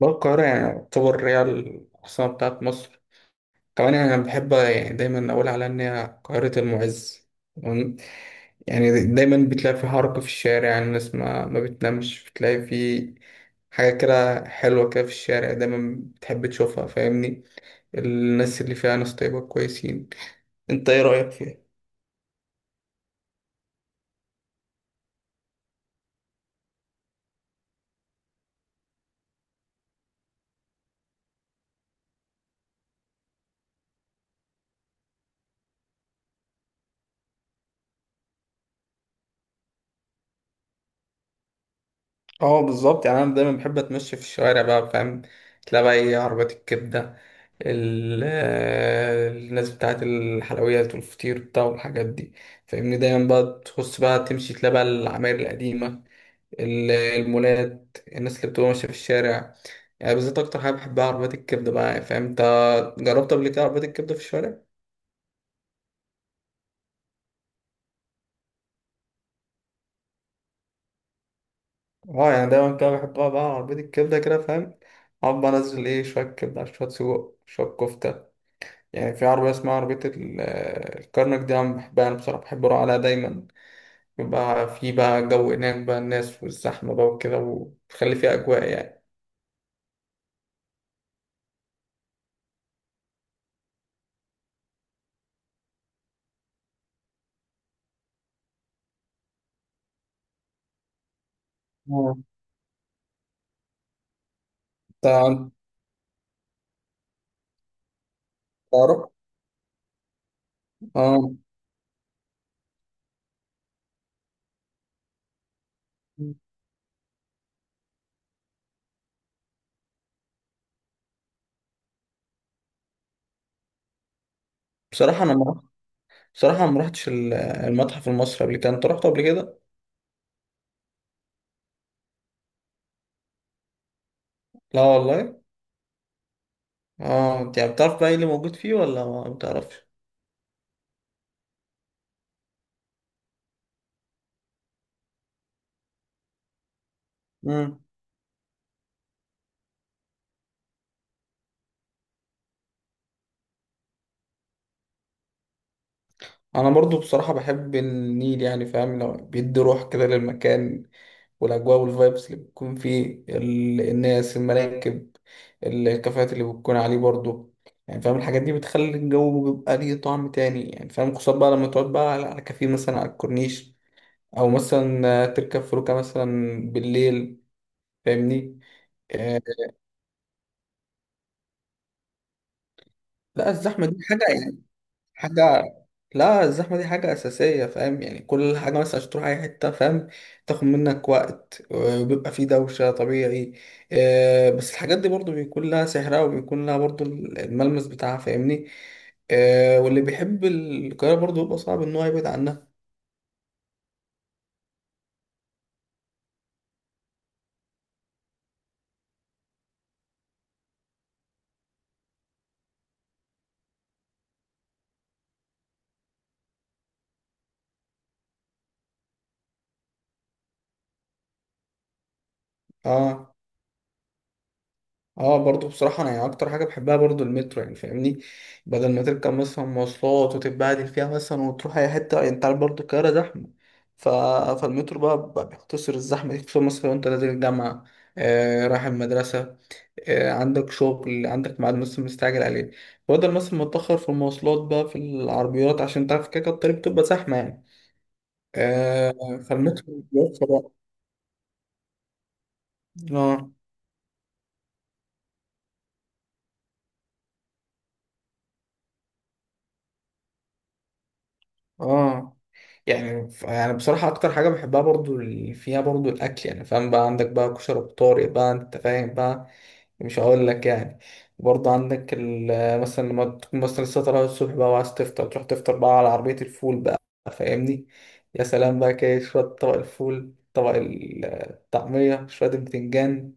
بقى القاهرة يعني تعتبر هي العاصمة بتاعت مصر. كمان يعني أنا بحب يعني دايما أقول على إن هي قاهرة المعز. تمام؟ يعني دايما بتلاقي في حركة في الشارع، يعني الناس ما بتنامش، بتلاقي في حاجة كده حلوة كده في الشارع دايما بتحب تشوفها. فاهمني، الناس اللي فيها ناس طيبة كويسين. أنت إيه رأيك فيها؟ اه، بالظبط، يعني أنا دايما بحب أتمشى في الشوارع بقى فاهم. تلاقي بقى إيه؟ عربيات الكبدة، الناس بتاعت الحلويات والفطير بتاع والحاجات دي. فاهمني، دايما بقى تخص بقى تمشي تلاقي بقى العماير القديمة، المولات، الناس اللي بتبقى ماشية في الشارع. يعني بالذات أكتر حاجة بحبها عربيات الكبدة بقى، يعني فاهم أنت. جربت قبل كده عربيات الكبدة في الشارع؟ اه، يعني دايما كده بحب أقعد بقى على عربية الكبدة كده فاهم. أقعد بقى أنزل إيه، شوية كبدة على شوية سجق شوية كفتة. يعني في عربية اسمها عربية الكرنك دي، أنا بحبها. أنا بصراحة بحب أروح عليها دايما. يبقى في بقى جو هناك بقى، الناس والزحمة بقى وكده، وتخلي فيها أجواء يعني. آه. تع- تعرف؟ اه، بصراحة أنا ما بصراحة أنا ما رحتش المتحف المصري قبل كده. أنت رحت قبل كده؟ لا والله. اه، أنت يعني بتعرف بقى إيه اللي موجود فيه ولا ما بتعرفش؟ مم. أنا برضو بصراحة بحب النيل، يعني فاهم لو بيدي روح كده للمكان والأجواء والفايبس اللي بتكون فيه، الناس، المراكب، الكافيهات اللي بتكون عليه برضه. يعني فاهم الحاجات دي بتخلي الجو بيبقى ليه طعم تاني، يعني فاهم خصوصا بقى لما تقعد بقى على كافيه مثلا على الكورنيش، أو مثلا تركب فلوكة مثلا بالليل. فاهمني. آه، لا، الزحمة دي حاجة. حاجة، لا الزحمة دي حاجة أساسية فاهم. يعني كل حاجة مثلا عشان تروح أي حتة فاهم تاخد منك وقت، وبيبقى فيه دوشة طبيعي. بس الحاجات دي برضو بيكون لها سحرها وبيكون لها برضو الملمس بتاعها فاهمني. واللي بيحب القاهرة برضو بيبقى صعب إن هو يبعد عنها. اه. اه، برضو بصراحة انا يعني اكتر حاجة بحبها برضو المترو يعني فاهمني. بدل ما تركب مثلا مواصلات وتتبهدل فيها مثلا وتروح اي حتة، يعني انت عارف برضو القاهرة زحمة. ف... فالمترو بقى بيختصر الزحمة دي، خصوصا مثلا لو انت نازل الجامعة، رايح المدرسة، عندك شغل، عندك ميعاد مثلا مستعجل عليه. بدل مثلا ما تتأخر في المواصلات بقى، في العربيات، عشان تعرف كده كده الطريق بتبقى زحمة يعني. فالمترو بيوفر وقت. اه. اه، يعني يعني بصراحة أكتر حاجة بحبها برضو اللي فيها برضو الأكل. يعني فاهم بقى، عندك بقى كشري بطارق بقى، أنت فاهم بقى، مش هقول لك يعني. برضو عندك مثلا لما تكون مثلا لسه طالع الصبح بقى وعايز تفطر، تروح تفطر بقى على عربية الفول بقى. فاهمني. يا سلام بقى كده، شوية طبق الفول، طبق الطعمية، شوية البتنجان،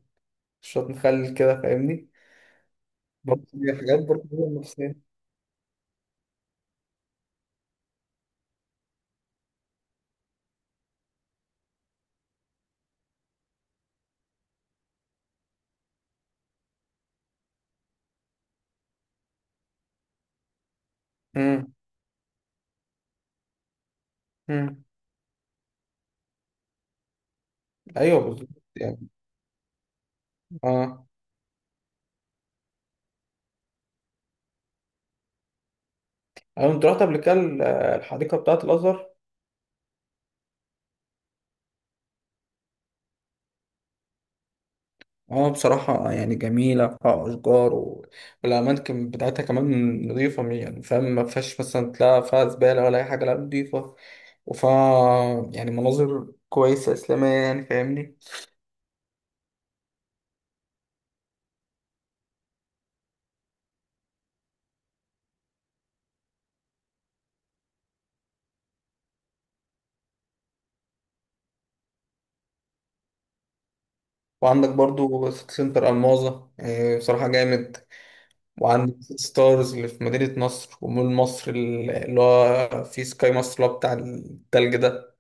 شوية مخلل كده فاهمني. برضو دي حاجات برضو نفسية. أمم. أمم. أيوه بالظبط يعني. اه، أنا كنت رحت قبل كده الحديقة بتاعة الأزهر. اه، بصراحة يعني جميلة، فيها أشجار والأماكن بتاعتها كمان نظيفة، يعني فاهم ما فيهاش مثلا تلاقي فيها زبالة ولا أي حاجة، لا نظيفة. وفيها يعني مناظر كويسة إسلامية يعني فاهمني. وعندك برضو سيتي سنتر ألماظة، بصراحة جامد. وعندك ستارز اللي في مدينة نصر، ومول مصر اللي هو في سكاي مصر اللي هو بتاع التلج ده.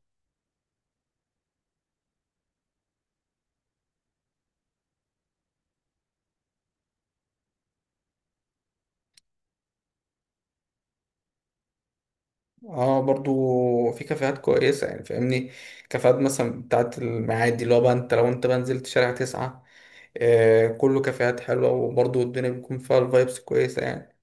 اه، برضو في كافيهات كويسة يعني فاهمني. كافيهات مثلا بتاعت المعادي، اللي هو بقى لو انت بقى نزلت شارع 9، كله كافيهات حلوة، وبرضو الدنيا بيكون فيها الفايبس كويسة يعني.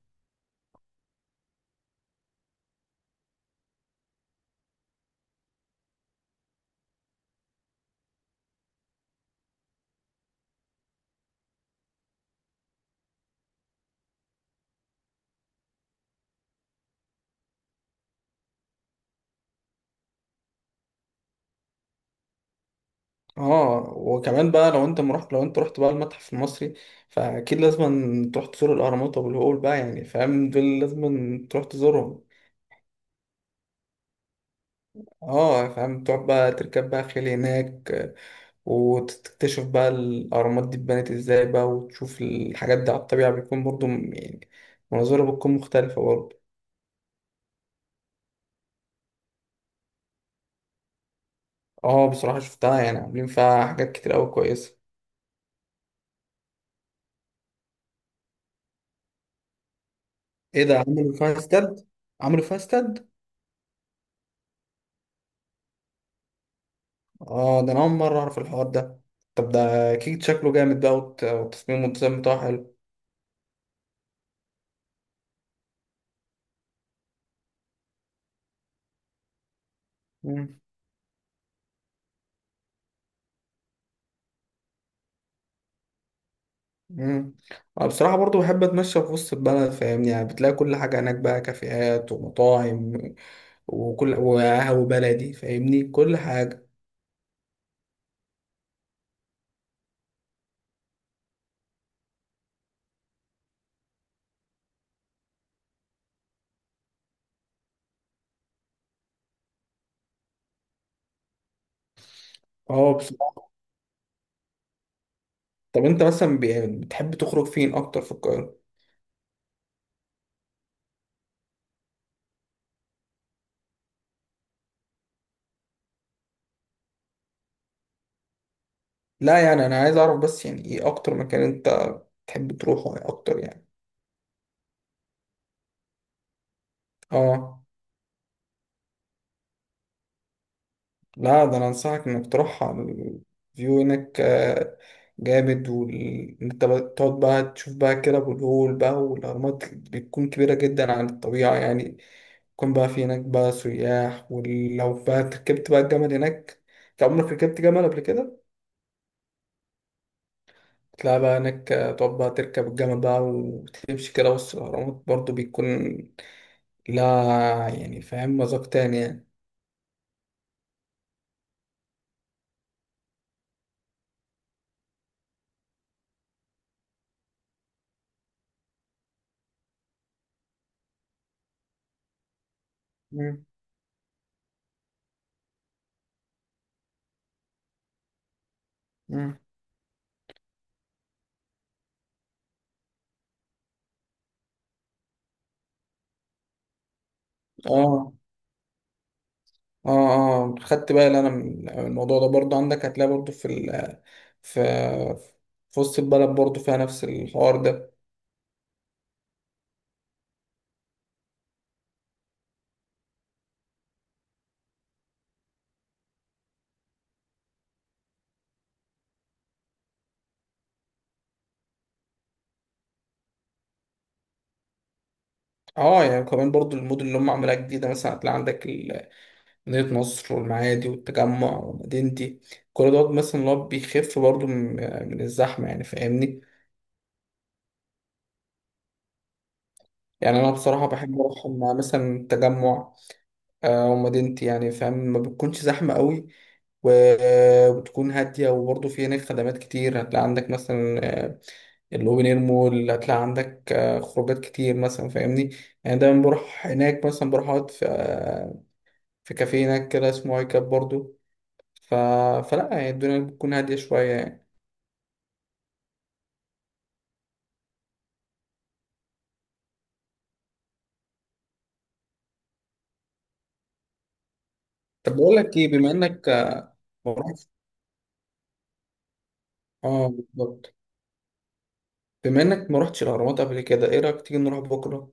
اه، وكمان بقى لو انت مرحت، لو انت رحت بقى المتحف المصري، فأكيد لازم تروح تزور الأهرامات وأبو الهول بقى. يعني فاهم، دول لازم تروح تزورهم. اه، فاهم، تقعد بقى تركب بقى خيل هناك، وتكتشف بقى الأهرامات دي اتبنت ازاي بقى، وتشوف الحاجات دي على الطبيعة، بيكون برضو يعني مناظرها بتكون مختلفة برضو. اه، بصراحة شفتها، يعني عاملين فيها حاجات كتير أوي كويسة. ايه ده؟ عملوا فيها استاد؟ عملوا فيها استاد؟ اه، ده أنا أول مرة أعرف الحوار ده. طب ده أكيد شكله جامد بقى، والتصميم والديزاين بتاعه حلو. مم. مم. أنا بصراحة برضو بحب أتمشى في وسط البلد فاهمني، يعني بتلاقي كل حاجة هناك بقى، كافيهات ومطاعم وقهوة بلدي، فاهمني، كل حاجة. اه، بصراحة. طب انت مثلا يعني بتحب تخرج فين اكتر في القاهرة؟ لا، يعني انا عايز اعرف بس يعني ايه اكتر مكان انت بتحب تروحه يعني اكتر يعني. اه. لا، ده انا انصحك انك تروح على الفيو هناك، جامد. تقعد بقى تشوف بقى كده ابو الهول بقى والاهرامات، بتكون كبيرة جدا عن الطبيعة يعني. يكون بقى في هناك بقى سياح، ولو بقى ركبت بقى الجمل هناك. انت عمرك ركبت جمل قبل كده؟ تلاقي بقى هناك، تقعد بقى تركب الجمل بقى وتمشي كده وسط الأهرامات، برضه بيكون لها يعني فاهم مذاق تاني يعني. مم. مم. اه، اه، اه، خدت بالي انا من الموضوع ده برضه. عندك هتلاقي برضه في ال في في وسط البلد برضه فيها نفس الحوار ده. اه، يعني كمان برضه المدن اللي هم عاملاها جديدة مثلا، هتلاقي عندك مدينة نصر والمعادي والتجمع ومدينتي، كل دوت مثلا اللي هو بيخف برضه من الزحمة يعني فاهمني. يعني انا بصراحه بحب اروح مع مثلا تجمع، ومدينتي. يعني فاهم ما بتكونش زحمه قوي و- وبتكون هاديه، وبرضه في هناك خدمات كتير، هتلاقي عندك مثلا الاوبن اير مول، هتلاقي عندك خروجات كتير مثلا فاهمني. يعني دايما بروح هناك، مثلا بروح اقعد في كافيه هناك كده اسمه هاي كاب برضه. ف... فلا يعني الدنيا بتكون هاديه شويه يعني. طب بقول لك ايه، بما انك ما رحتش، اه بالظبط، بما انك ما رحتش الاهرامات قبل كده، ايه رايك تيجي نروح بكره؟